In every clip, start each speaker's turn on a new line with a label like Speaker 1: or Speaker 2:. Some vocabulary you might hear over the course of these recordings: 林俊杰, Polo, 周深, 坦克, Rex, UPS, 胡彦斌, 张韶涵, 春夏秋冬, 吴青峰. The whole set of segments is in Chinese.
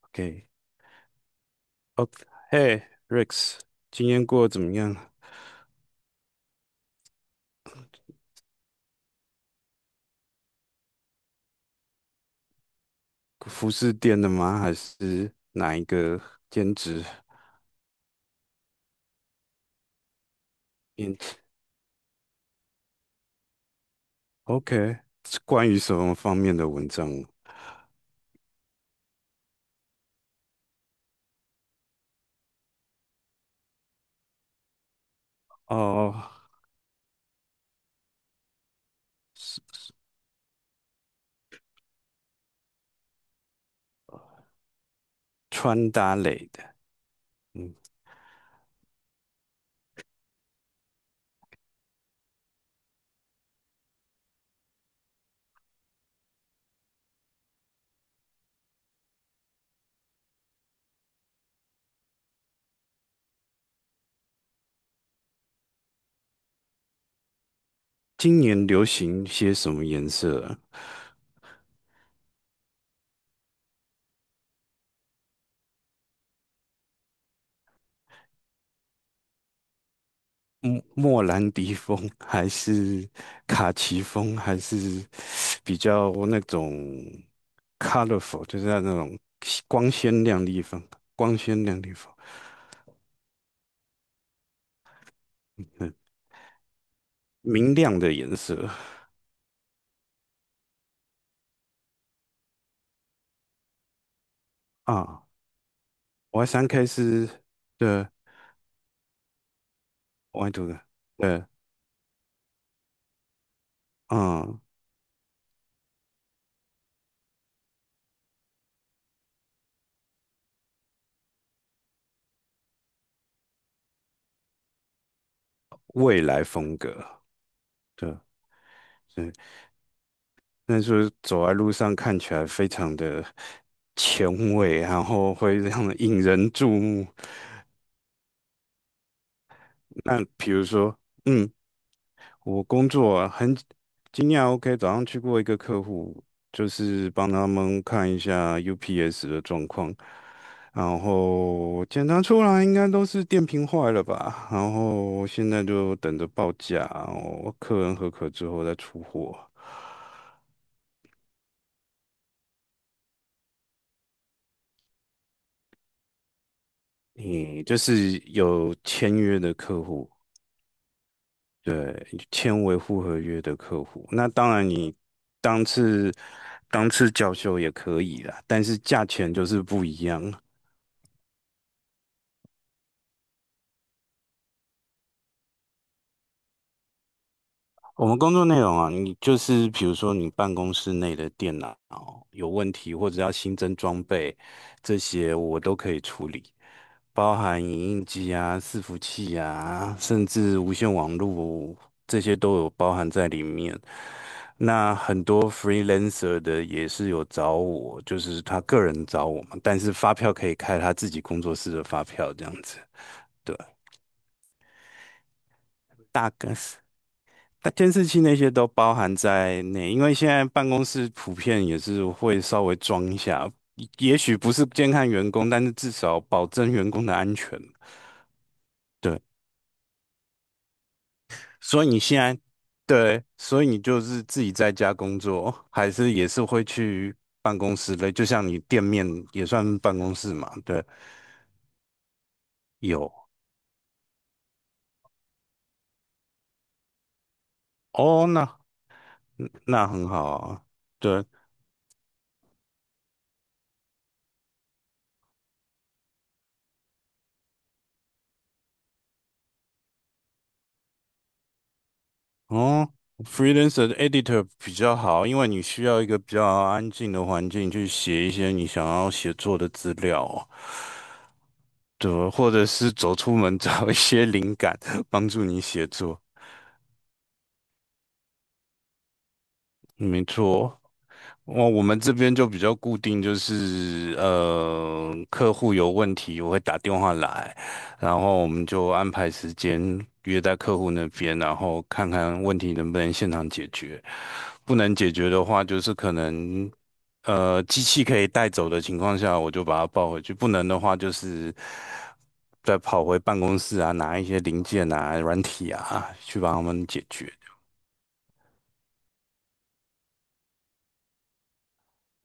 Speaker 1: OK。O, 嘿，Rex,今天过得怎么样？服饰店的吗？还是哪一个兼职？嗯，OK,是关于什么方面的文章？哦，是是穿搭类的。嗯，今年流行些什么颜色啊？莫莫兰迪风还是卡其风，还是比较那种 colorful,就是那种光鲜亮丽风，光鲜亮丽风，嗯，明亮的颜色啊。我三 K 是的，我爱读的，对，嗯，未来风格，对，对，那就是走在路上看起来非常的前卫，然后会让人引人注目。那比如说。嗯，我工作啊很经验 OK,早上去过一个客户，就是帮他们看一下 UPS 的状况，然后检查出来应该都是电瓶坏了吧，然后现在就等着报价，然后客人合格之后再出货。你就是有签约的客户，对，签维护合约的客户，那当然你当次当次叫修也可以啦，但是价钱就是不一样。我们工作内容啊，你就是比如说你办公室内的电脑有问题，或者要新增装备，这些我都可以处理，包含影印机啊、伺服器啊，甚至无线网络这些都有包含在里面。那很多 freelancer 的也是有找我，就是他个人找我嘛，但是发票可以开他自己工作室的发票这样子。对，大概那监视器那些都包含在内，因为现在办公室普遍也是会稍微装一下，也许不是监看员工，但是至少保证员工的安全。对，所以你现在，对，所以你就是自己在家工作，还是也是会去办公室的，就像你店面也算办公室嘛，对，有哦，那很好啊，对，哦，freelancer 的 editor 比较好，因为你需要一个比较安静的环境去写一些你想要写作的资料哦，对，或者是走出门 找一些灵感，帮助你写作。没错哦，我们这边就比较固定，就是呃，客户有问题我会打电话来，然后我们就安排时间约在客户那边，然后看看问题能不能现场解决。不能解决的话，就是可能呃机器可以带走的情况下，我就把它抱回去；不能的话，就是再跑回办公室啊，拿一些零件啊、软体啊，去帮他们解决。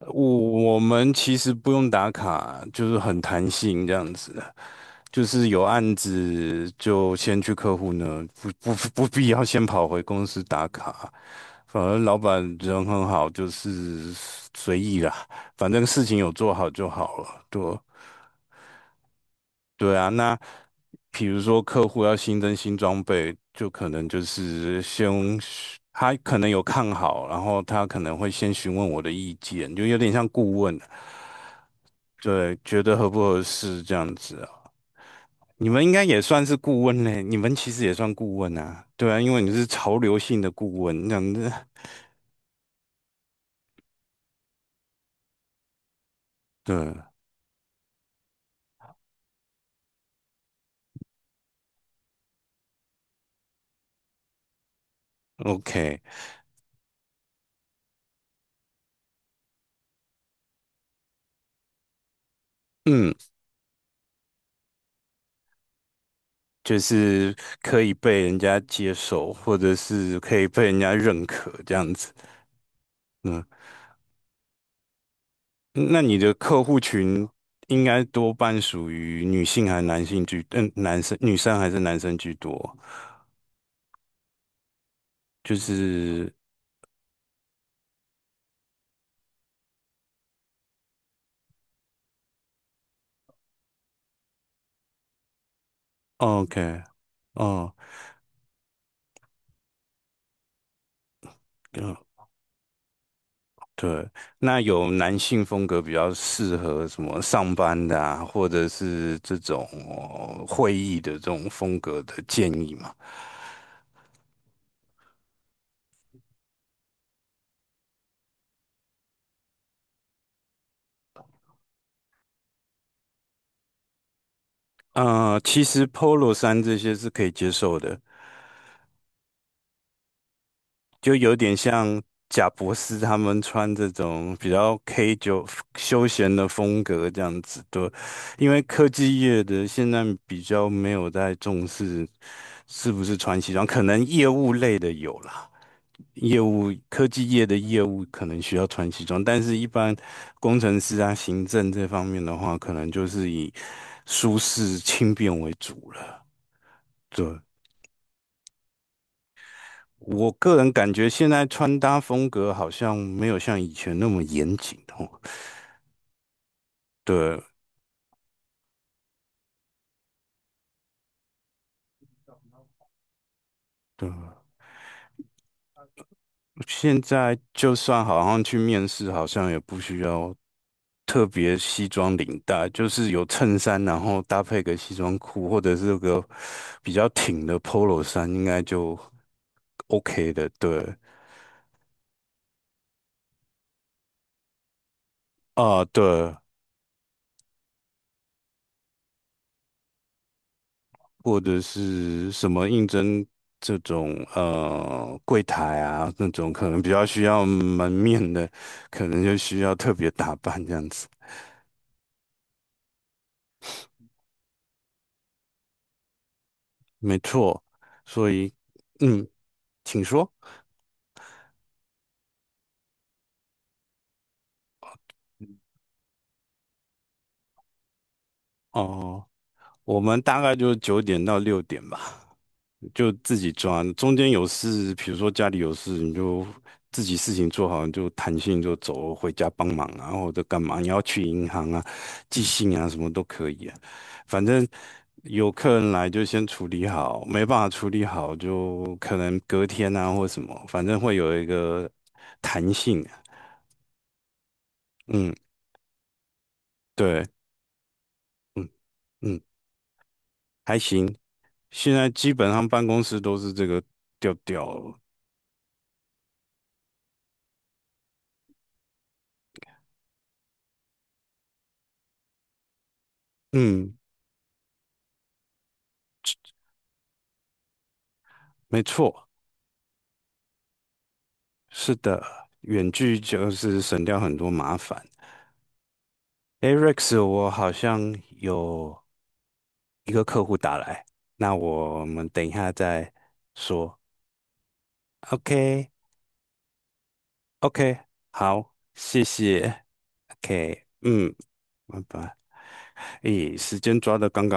Speaker 1: 我们其实不用打卡，就是很弹性这样子，就是有案子就先去客户呢，不必要先跑回公司打卡，反而老板人很好，就是随意啦，反正事情有做好就好了，对对啊，那比如说客户要新增新装备，就可能就是先他可能有看好，然后他可能会先询问我的意见，就有点像顾问。对，觉得合不合适这样子啊？你们应该也算是顾问嘞，你们其实也算顾问啊，对啊，因为你是潮流性的顾问这样子，对，OK,嗯，就是可以被人家接受，或者是可以被人家认可这样子，嗯，那你的客户群应该多半属于女性还是男性居，嗯，男生、女生还是男生居多？就是 OK,哦。对，那有男性风格比较适合什么上班的啊，或者是这种呃会议的这种风格的建议吗？呃，其实 Polo 衫这些是可以接受的，就有点像贾博斯他们穿这种比较 K9休闲的风格这样子，对，因为科技业的现在比较没有在重视是不是穿西装，可能业务类的有啦。业务科技业的业务可能需要穿西装，但是一般工程师啊、行政这方面的话，可能就是以舒适轻便为主了。对，我个人感觉现在穿搭风格好像没有像以前那么严谨哦。对对，现在就算好像去面试，好像也不需要特别西装领带，就是有衬衫，然后搭配个西装裤，或者是个比较挺的 polo 衫，应该就 OK 的。对，啊，对，或者是什么应征这种呃柜台啊，那种可能比较需要门面的，可能就需要特别打扮这样子。没错，所以嗯，请说。哦，我们大概就9点到6点吧，就自己抓。中间有事，比如说家里有事，你就自己事情做好，你就弹性就走回家帮忙啊，或者干嘛？你要去银行啊、寄信啊，什么都可以啊。反正有客人来就先处理好，没办法处理好就可能隔天啊或什么，反正会有一个弹性啊。嗯，对，嗯嗯，还行。现在基本上办公室都是这个调调了，嗯，没错，是的，远距就是省掉很多麻烦。诶 r e x 我好像有一个客户打来，那我们等一下再说。OK,OK,好，谢谢。OK,嗯，拜拜。咦，时间抓的刚刚。